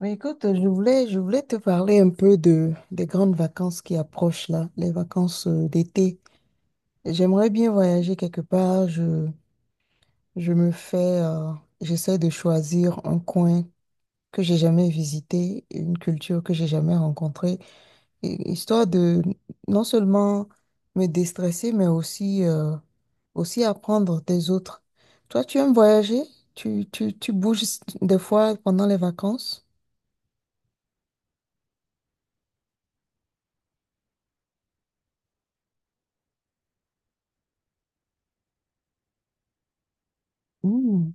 Mais écoute, je voulais te parler un peu des grandes vacances qui approchent là, les vacances d'été. J'aimerais bien voyager quelque part. Je me fais, euh, j'essaie de choisir un coin que j'ai jamais visité, une culture que j'ai jamais rencontrée, histoire de non seulement me déstresser, mais aussi, aussi apprendre des autres. Toi, tu aimes voyager? Tu bouges des fois pendant les vacances? Mmh.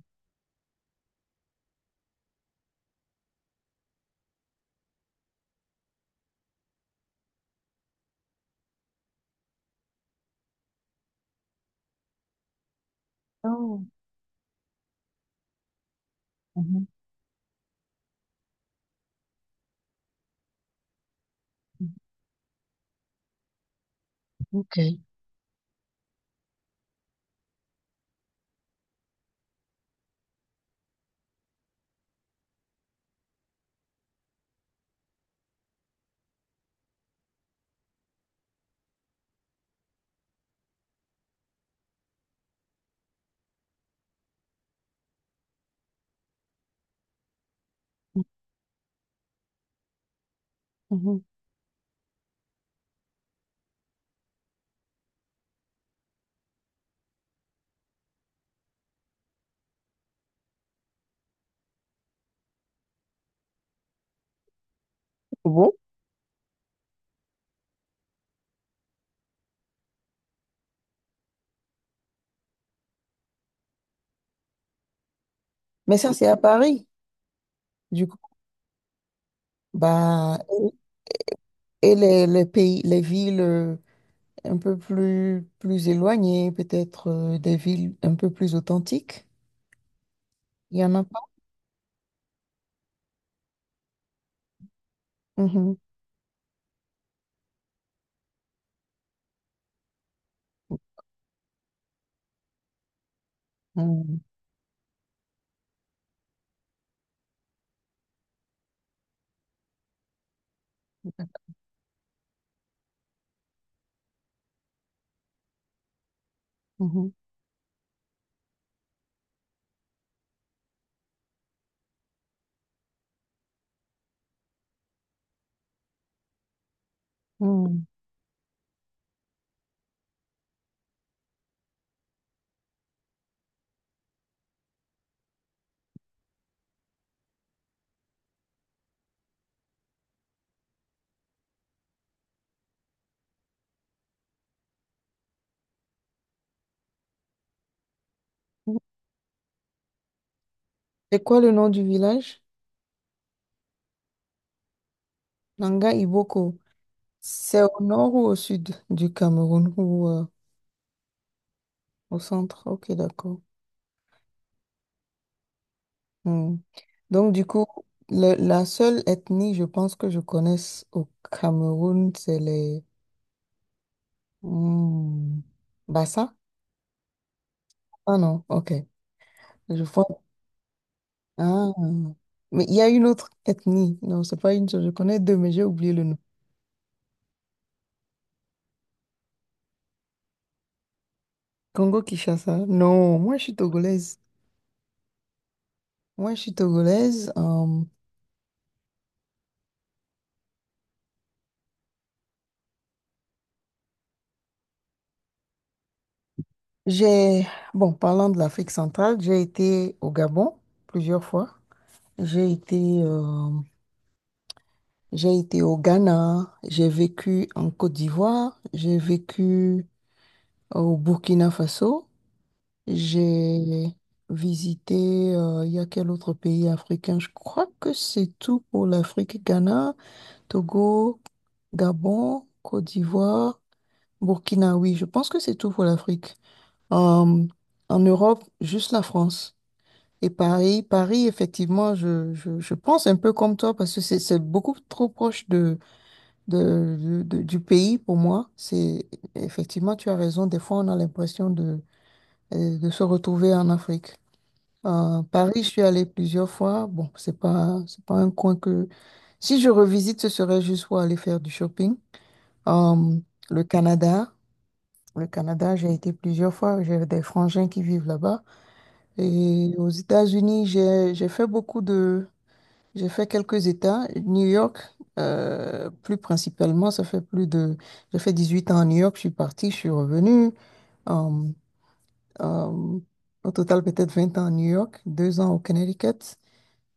Oh. Mhm. Ok. Mhm. Bon, mais ça, c'est à Paris. Du coup, bah, et les pays, les villes un peu plus, plus éloignées, peut-être des villes un peu plus authentiques, il y en a pas. Mhm. Mhm. Mhm. Mhm. C'est quoi le nom du village? Nanga Iboko. C'est au nord ou au sud du Cameroun ou au centre? Ok, d'accord. Hmm. Donc, du coup, la seule ethnie, je pense que je connaisse au Cameroun, c'est les… Hmm. Bassa? Ah non, ok. Je vois. Ah. Mais il y a une autre ethnie. Non, c'est pas une seule. Je connais deux, mais j'ai oublié le nom. Congo-Kinshasa? Non, moi, je suis togolaise. Moi, je suis togolaise. J'ai… Bon, parlant de l'Afrique centrale, j'ai été au Gabon plusieurs fois. J'ai été... euh, J'ai été au Ghana, j'ai vécu en Côte d'Ivoire, j'ai vécu au Burkina Faso, j'ai visité, il y a quel autre pays africain? Je crois que c'est tout pour l'Afrique. Ghana, Togo, Gabon, Côte d'Ivoire, Burkina, oui, je pense que c'est tout pour l'Afrique. Euh, en Europe, juste la France. Et Paris, Paris, effectivement, je pense un peu comme toi parce que c'est beaucoup trop proche du pays pour moi. C'est effectivement, tu as raison. Des fois, on a l'impression de se retrouver en Afrique. Paris, je suis allée plusieurs fois. Bon, c'est pas un coin que. Si je revisite, ce serait juste pour aller faire du shopping. Euh, le Canada. Le Canada, j'ai été plusieurs fois. J'ai des frangins qui vivent là-bas. Et aux États-Unis, j'ai fait beaucoup. J'ai fait quelques États. New York, plus principalement, ça fait plus de… J'ai fait 18 ans à New York, je suis partie, je suis revenue. Euh, euh, au total, peut-être 20 ans à New York, 2 ans au Connecticut.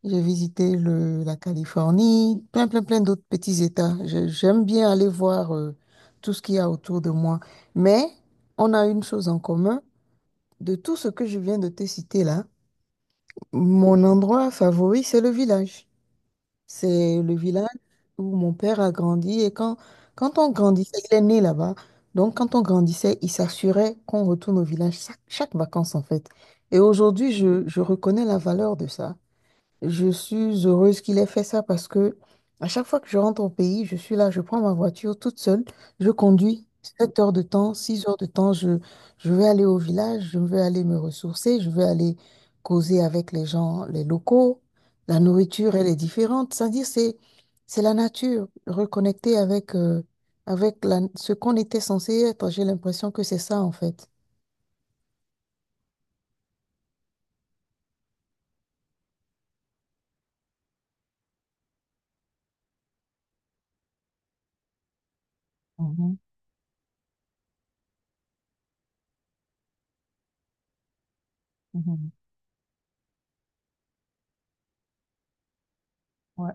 J'ai visité la Californie, plein, plein, plein d'autres petits États. J'aime bien aller voir tout ce qu'il y a autour de moi. Mais on a une chose en commun. De tout ce que je viens de te citer là, mon endroit favori, c'est le village. C'est le village où mon père a grandi et quand on grandissait, il est né là-bas. Donc quand on grandissait, il s'assurait qu'on retourne au village chaque vacances en fait. Et aujourd'hui, je reconnais la valeur de ça. Je suis heureuse qu'il ait fait ça parce que à chaque fois que je rentre au pays, je suis là, je prends ma voiture toute seule, je conduis 7 heures de temps, 6 heures de temps, je vais aller au village, je vais aller me ressourcer, je vais aller causer avec les gens, les locaux. La nourriture, elle est différente. C'est-à-dire, c'est la nature, reconnecter avec, avec ce qu'on était censé être. J'ai l'impression que c'est ça, en fait. Mhm, mhm. Ouais,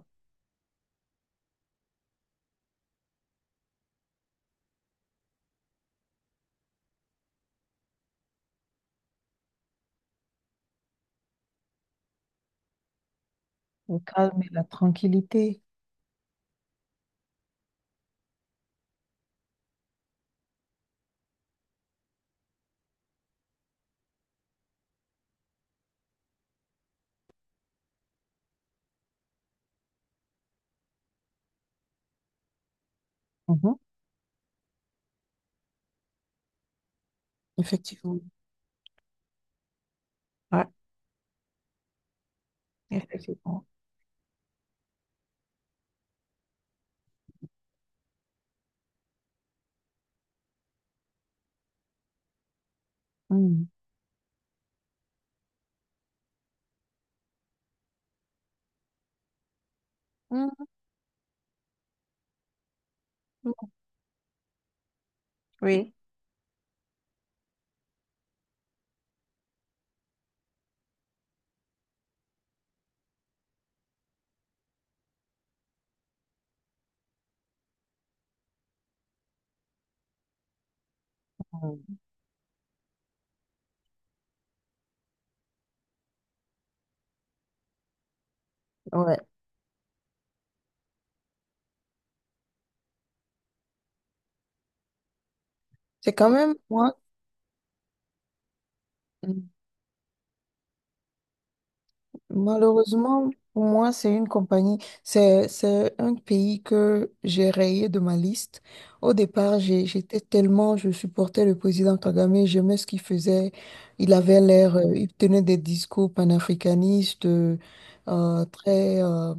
le calme et la tranquillité. Mhm. Effectivement. Ouais, effectivement. Mhm. Mhm. Oui. Mhm. Ouais. C'est quand même moi. Malheureusement, pour moi, c'est un pays que j'ai rayé de ma liste. Au départ, j'étais tellement, je supportais le président Kagame, j'aimais ce qu'il faisait. Il avait l'air, il tenait des discours panafricanistes, très euh,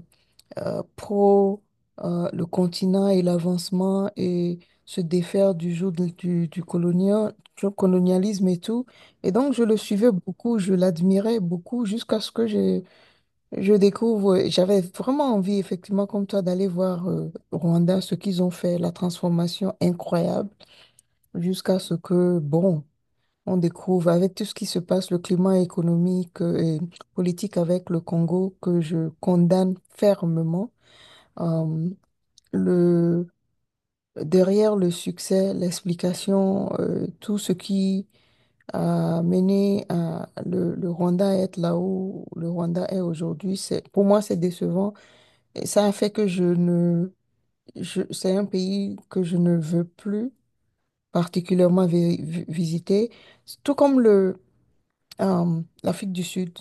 euh, pro le continent et l'avancement et se défaire du joug du du colonialisme et tout. Et donc, je le suivais beaucoup, je l'admirais beaucoup jusqu'à ce que j'ai je découvre, j'avais vraiment envie, effectivement, comme toi, d'aller voir Rwanda, ce qu'ils ont fait, la transformation incroyable, jusqu'à ce que, bon, on découvre avec tout ce qui se passe, le climat économique et politique avec le Congo, que je condamne fermement. Euh, le, derrière le succès, l'explication, tout ce qui a mené à le Rwanda à être là où le Rwanda est aujourd'hui, c'est, pour moi, c'est décevant. Et ça a fait que je ne, je, c'est un pays que je ne veux plus particulièrement visiter, tout comme l'Afrique du Sud,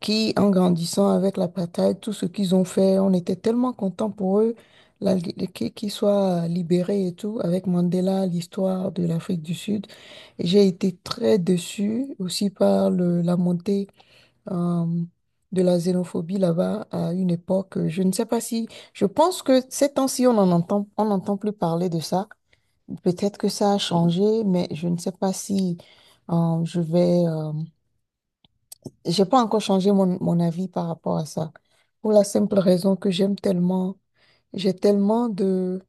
qui, en grandissant avec l'apartheid, tout ce qu'ils ont fait, on était tellement contents pour eux, qu'ils soient libérés et tout, avec Mandela, l'histoire de l'Afrique du Sud. J'ai été très déçue aussi par la montée euh, de la xénophobie là-bas à une époque. Euh, je ne sais pas si, je pense que ces temps-ci, on n'entend plus parler de ça. Peut-être que ça a changé, mais je ne sais pas si je vais. J'ai pas encore changé mon avis par rapport à ça. Pour la simple raison que j'aime tellement, j'ai tellement de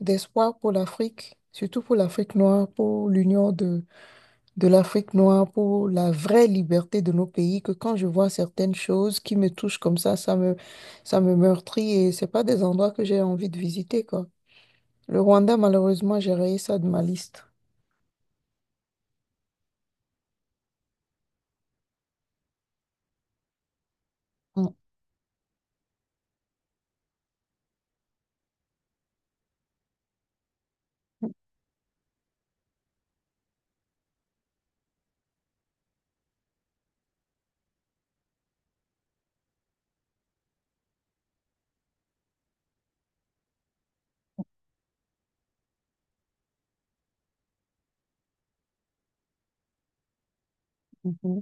d'espoir pour l'Afrique, surtout pour l'Afrique noire, pour l'union de l'Afrique noire pour la vraie liberté de nos pays que quand je vois certaines choses qui me touchent comme ça, ça me meurtrit et c'est pas des endroits que j'ai envie de visiter, quoi. Le Rwanda, malheureusement, j'ai rayé ça de ma liste. Mm, mm,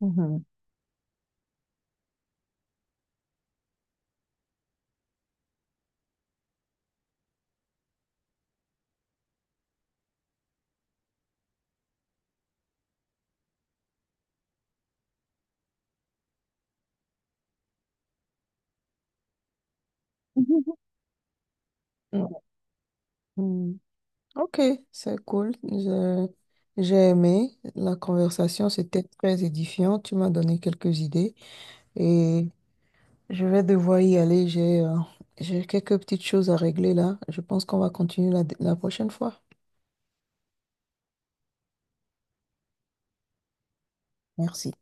mhm, mhm, mm, mm. Ok, c'est cool. J'ai aimé la conversation, c'était très édifiant. Tu m'as donné quelques idées. Je vais devoir y aller. J'ai quelques petites choses à régler là. Je pense qu'on va continuer la prochaine fois. Merci.